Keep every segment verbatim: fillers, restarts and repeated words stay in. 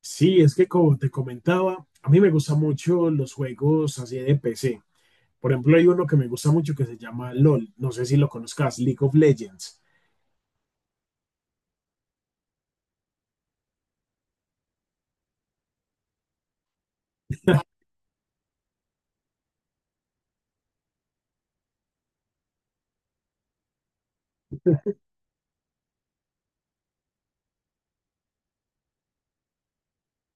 Sí, es que como te comentaba, a mí me gustan mucho los juegos así de P C. Por ejemplo, hay uno que me gusta mucho que se llama LOL. No sé si lo conozcas, League of Legends.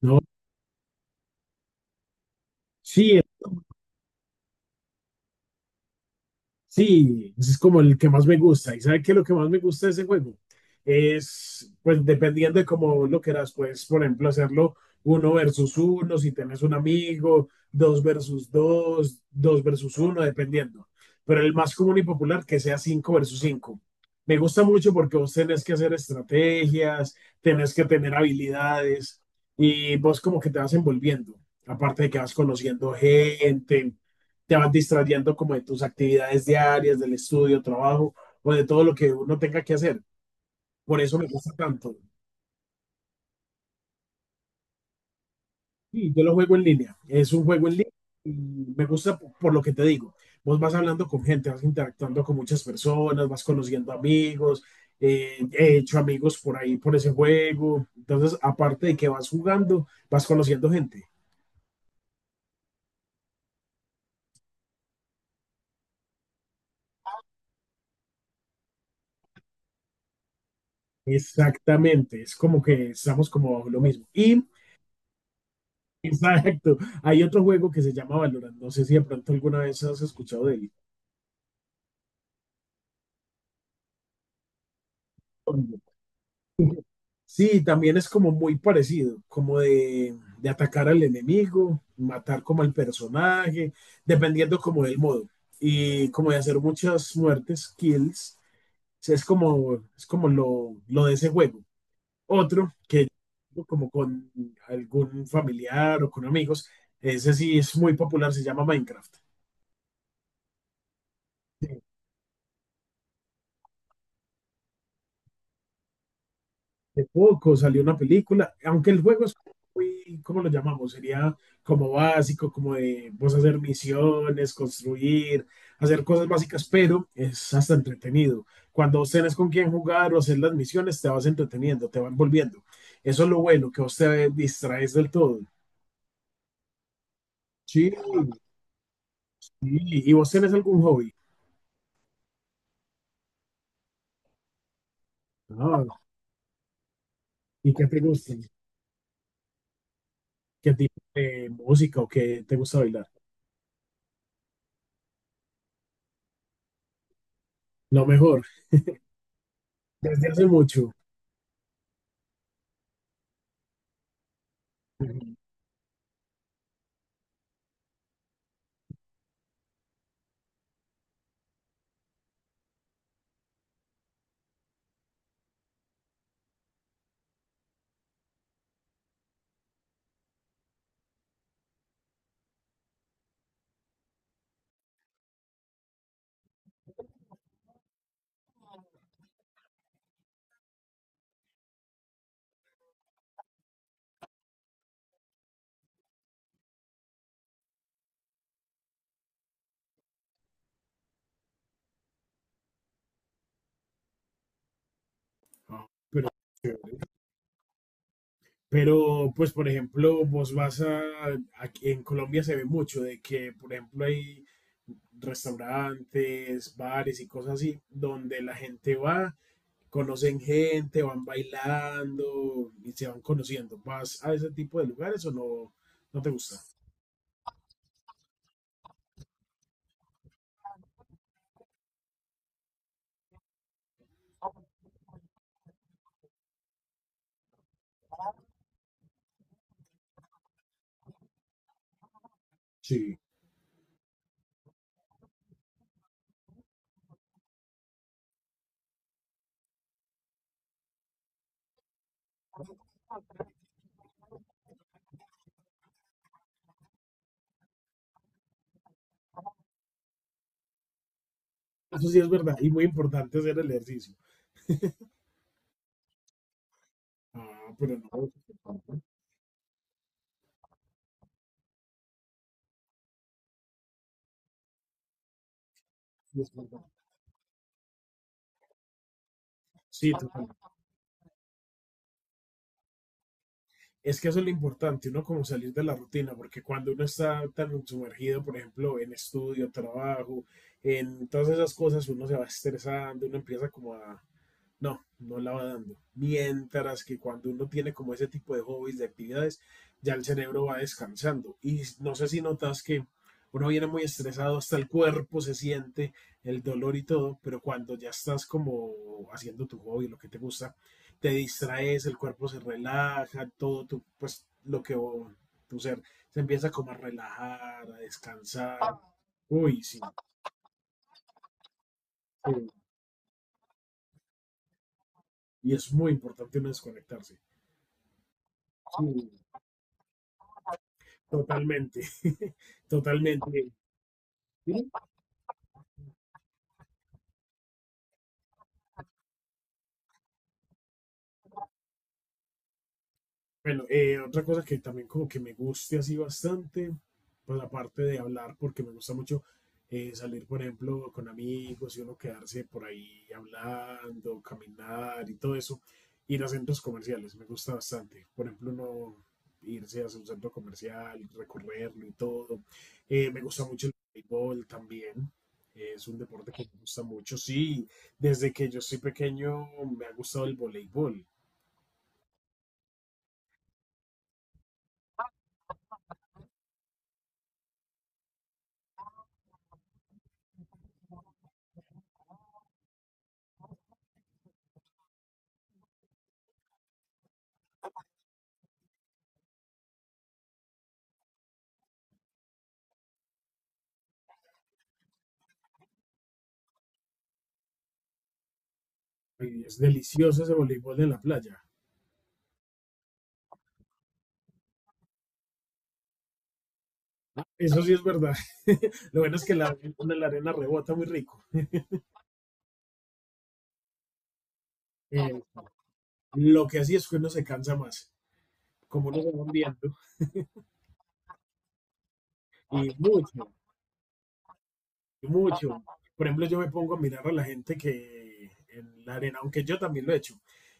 ¿No? Sí. Sí, ese es como el que más me gusta. ¿Y sabe qué es lo que más me gusta de ese juego? Es, pues dependiendo de cómo vos lo quieras, puedes, por ejemplo, hacerlo uno versus uno, si tenés un amigo, dos versus dos, dos versus uno, dependiendo. Pero el más común y popular que sea cinco versus cinco. Me gusta mucho porque vos tenés que hacer estrategias, tenés que tener habilidades y vos como que te vas envolviendo. Aparte de que vas conociendo gente, te vas distrayendo como de tus actividades diarias, del estudio, trabajo o de todo lo que uno tenga que hacer. Por eso me gusta tanto. Sí, yo lo juego en línea. Es un juego en línea y me gusta p- por lo que te digo. Vos vas hablando con gente, vas interactuando con muchas personas, vas conociendo amigos. Eh, he hecho amigos por ahí, por ese juego. Entonces, aparte de que vas jugando, vas conociendo gente. Exactamente, es como que estamos como lo mismo. Y exacto. Hay otro juego que se llama Valorant. No sé si de pronto alguna vez has escuchado de él. Sí, también es como muy parecido, como de, de atacar al enemigo, matar como al personaje, dependiendo como del modo. Y como de hacer muchas muertes, kills. O sea, es como, es como lo, lo de ese juego. Otro que como con algún familiar o con amigos, ese sí es muy popular, se llama Minecraft. De poco salió una película, aunque el juego es muy, ¿cómo lo llamamos? Sería como básico, como de vos hacer misiones, construir, hacer cosas básicas, pero es hasta entretenido. Cuando vos tenés con quién jugar o hacer las misiones, te vas entreteniendo, te van envolviendo. Eso es lo bueno, que vos te distraes del todo. Sí, sí. ¿Y vos tenés algún hobby? Ah, ¿y qué te gusta? ¿Qué tipo de música o qué te gusta bailar? Lo mejor, desde hace mucho. Ujú. Ah, pero Pero, pues, por ejemplo, vos vas a, aquí en Colombia se ve mucho de que, por ejemplo, hay restaurantes, bares y cosas así, donde la gente va, conocen gente, van bailando y se van conociendo. ¿Vas a ese tipo de lugares o no, no te gusta? Sí. Eso sí es verdad, y muy importante hacer el ejercicio. Ah, pero no. Sí, es sí, es que eso es lo importante, uno como salir de la rutina, porque cuando uno está tan sumergido, por ejemplo, en estudio, trabajo, en todas esas cosas, uno se va estresando, uno empieza como a, no, no la va dando. Mientras que cuando uno tiene como ese tipo de hobbies, de actividades, ya el cerebro va descansando. Y no sé si notas que uno viene muy estresado, hasta el cuerpo se siente el dolor y todo, pero cuando ya estás como haciendo tu hobby, lo que te gusta, te distraes, el cuerpo se relaja, todo tu, pues lo que vos- tu ser se empieza como a relajar, a descansar. Uy, sí, sí. Y es muy importante uno desconectarse. Sí, totalmente. Totalmente. ¿Sí? Bueno, eh, otra cosa que también como que me guste así bastante, pues aparte de hablar, porque me gusta mucho eh, salir, por ejemplo, con amigos y uno quedarse por ahí hablando, caminar y todo eso, ir a centros comerciales, me gusta bastante. Por ejemplo, uno irse a un centro comercial, recorrerlo y todo. Eh, me gusta mucho el béisbol también. Es un deporte que me gusta mucho. Sí, desde que yo soy pequeño me ha gustado el voleibol. Y es delicioso ese voleibol en la playa. Eso sí es verdad. Lo bueno es que la, la arena rebota muy rico. Eh, lo que así es que uno se cansa más, como uno se va viendo, y mucho. Mucho. Por ejemplo, yo me pongo a mirar a la gente que en la arena, aunque yo también lo he hecho.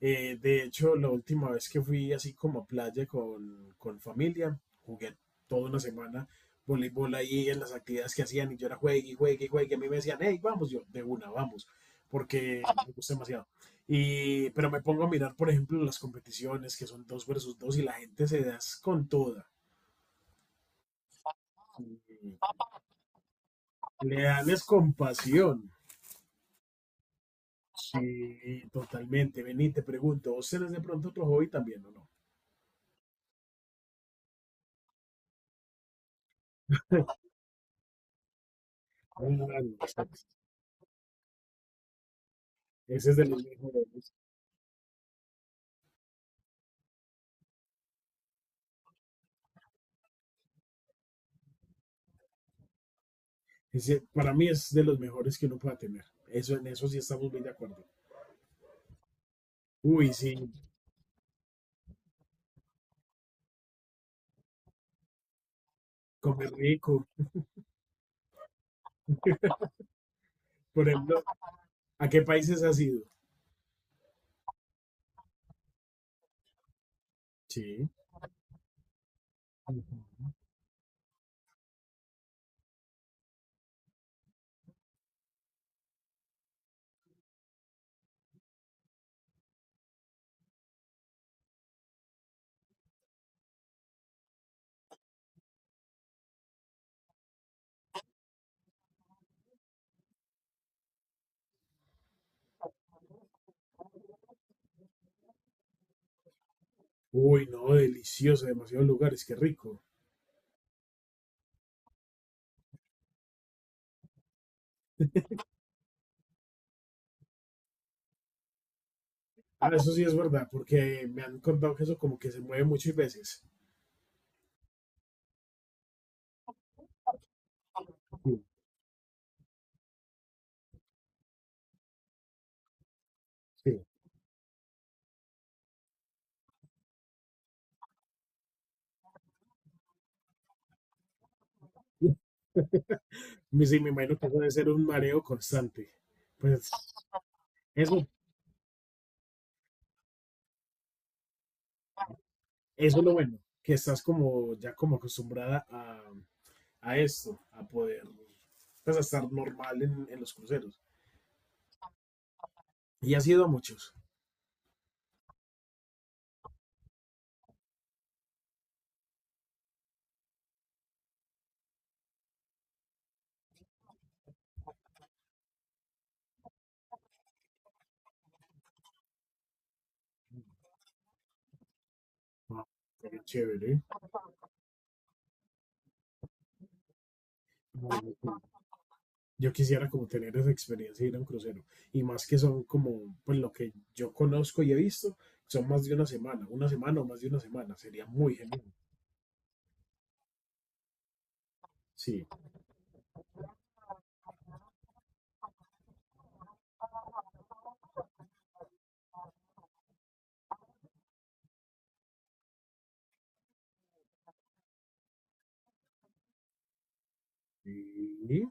Eh, de hecho, la última vez que fui así como a playa con, con familia, jugué toda una semana voleibol ahí en las actividades que hacían y yo era juegue y juegue y juegue. A mí me decían, hey, vamos, yo de una, vamos, porque me gusta demasiado. Y, pero me pongo a mirar, por ejemplo, las competiciones que son dos versus dos y la gente se da es con toda. Y le dan es compasión. Sí, totalmente. Vení, te pregunto, ¿vos tenés de pronto otro hobby también o no? Ah, no. Ese es de los mejores. Ese, para mí es de los mejores que uno pueda tener. Eso, en eso sí estamos muy de acuerdo. Uy, sí, comer rico. Por ejemplo, ¿a qué países has ido? Sí. Uy, no, delicioso, demasiados lugares, qué rico. Ah, eso sí es verdad, porque me han contado que eso como que se mueve muchas veces. Sí, sí. Me- Sí, me imagino que eso debe ser un mareo constante. Pues eso Eso es lo bueno, que estás como ya como acostumbrada a, a esto, a poder pues, a estar normal en, en los cruceros. Y ha sido a muchos. Ah, pero chévere. ¿Eh? Bueno, yo quisiera como tener esa experiencia de ir a un crucero. Y más que son como, pues lo que yo conozco y he visto, son más de una semana, una semana o más de una semana. Sería muy genial. Sí. Y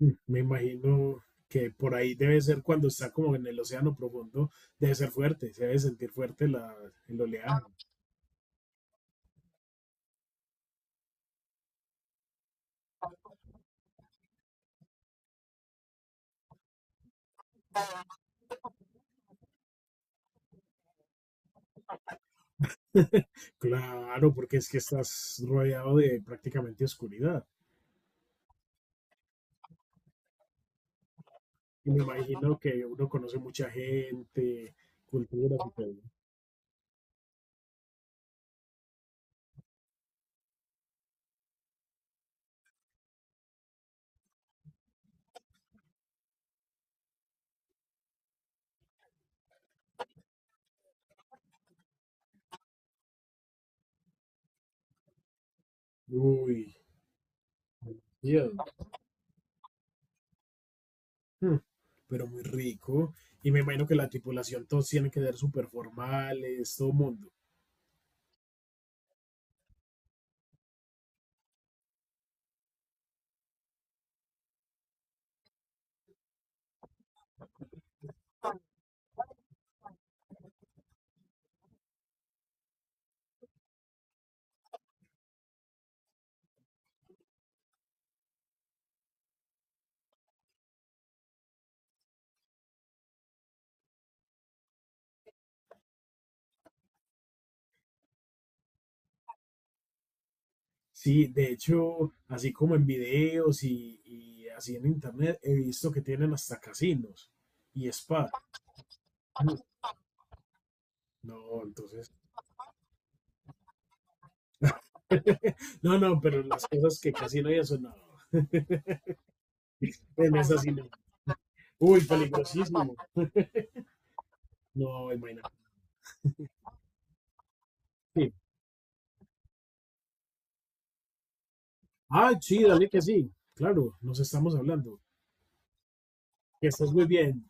mm, me imagino que por ahí debe ser cuando está como en el océano profundo, debe ser fuerte, se debe sentir fuerte la, el ah, oleaje. Claro, porque es que estás rodeado de prácticamente oscuridad. Y me imagino que uno conoce mucha gente, culturas y todo. Uy, Dios. Mm, pero muy rico. Y me imagino que la tripulación, todos tienen que ser súper formales, todo sí, de hecho, así como en videos y, y así en internet, he visto que tienen hasta casinos y spa. No, entonces, no, no, pero las cosas que casi no hay eso, no, en esas sí no. Uy, peligrosísimo. No, imagínate. Sí. Ah, sí, dale que sí. Claro, nos estamos hablando. Que estés muy bien.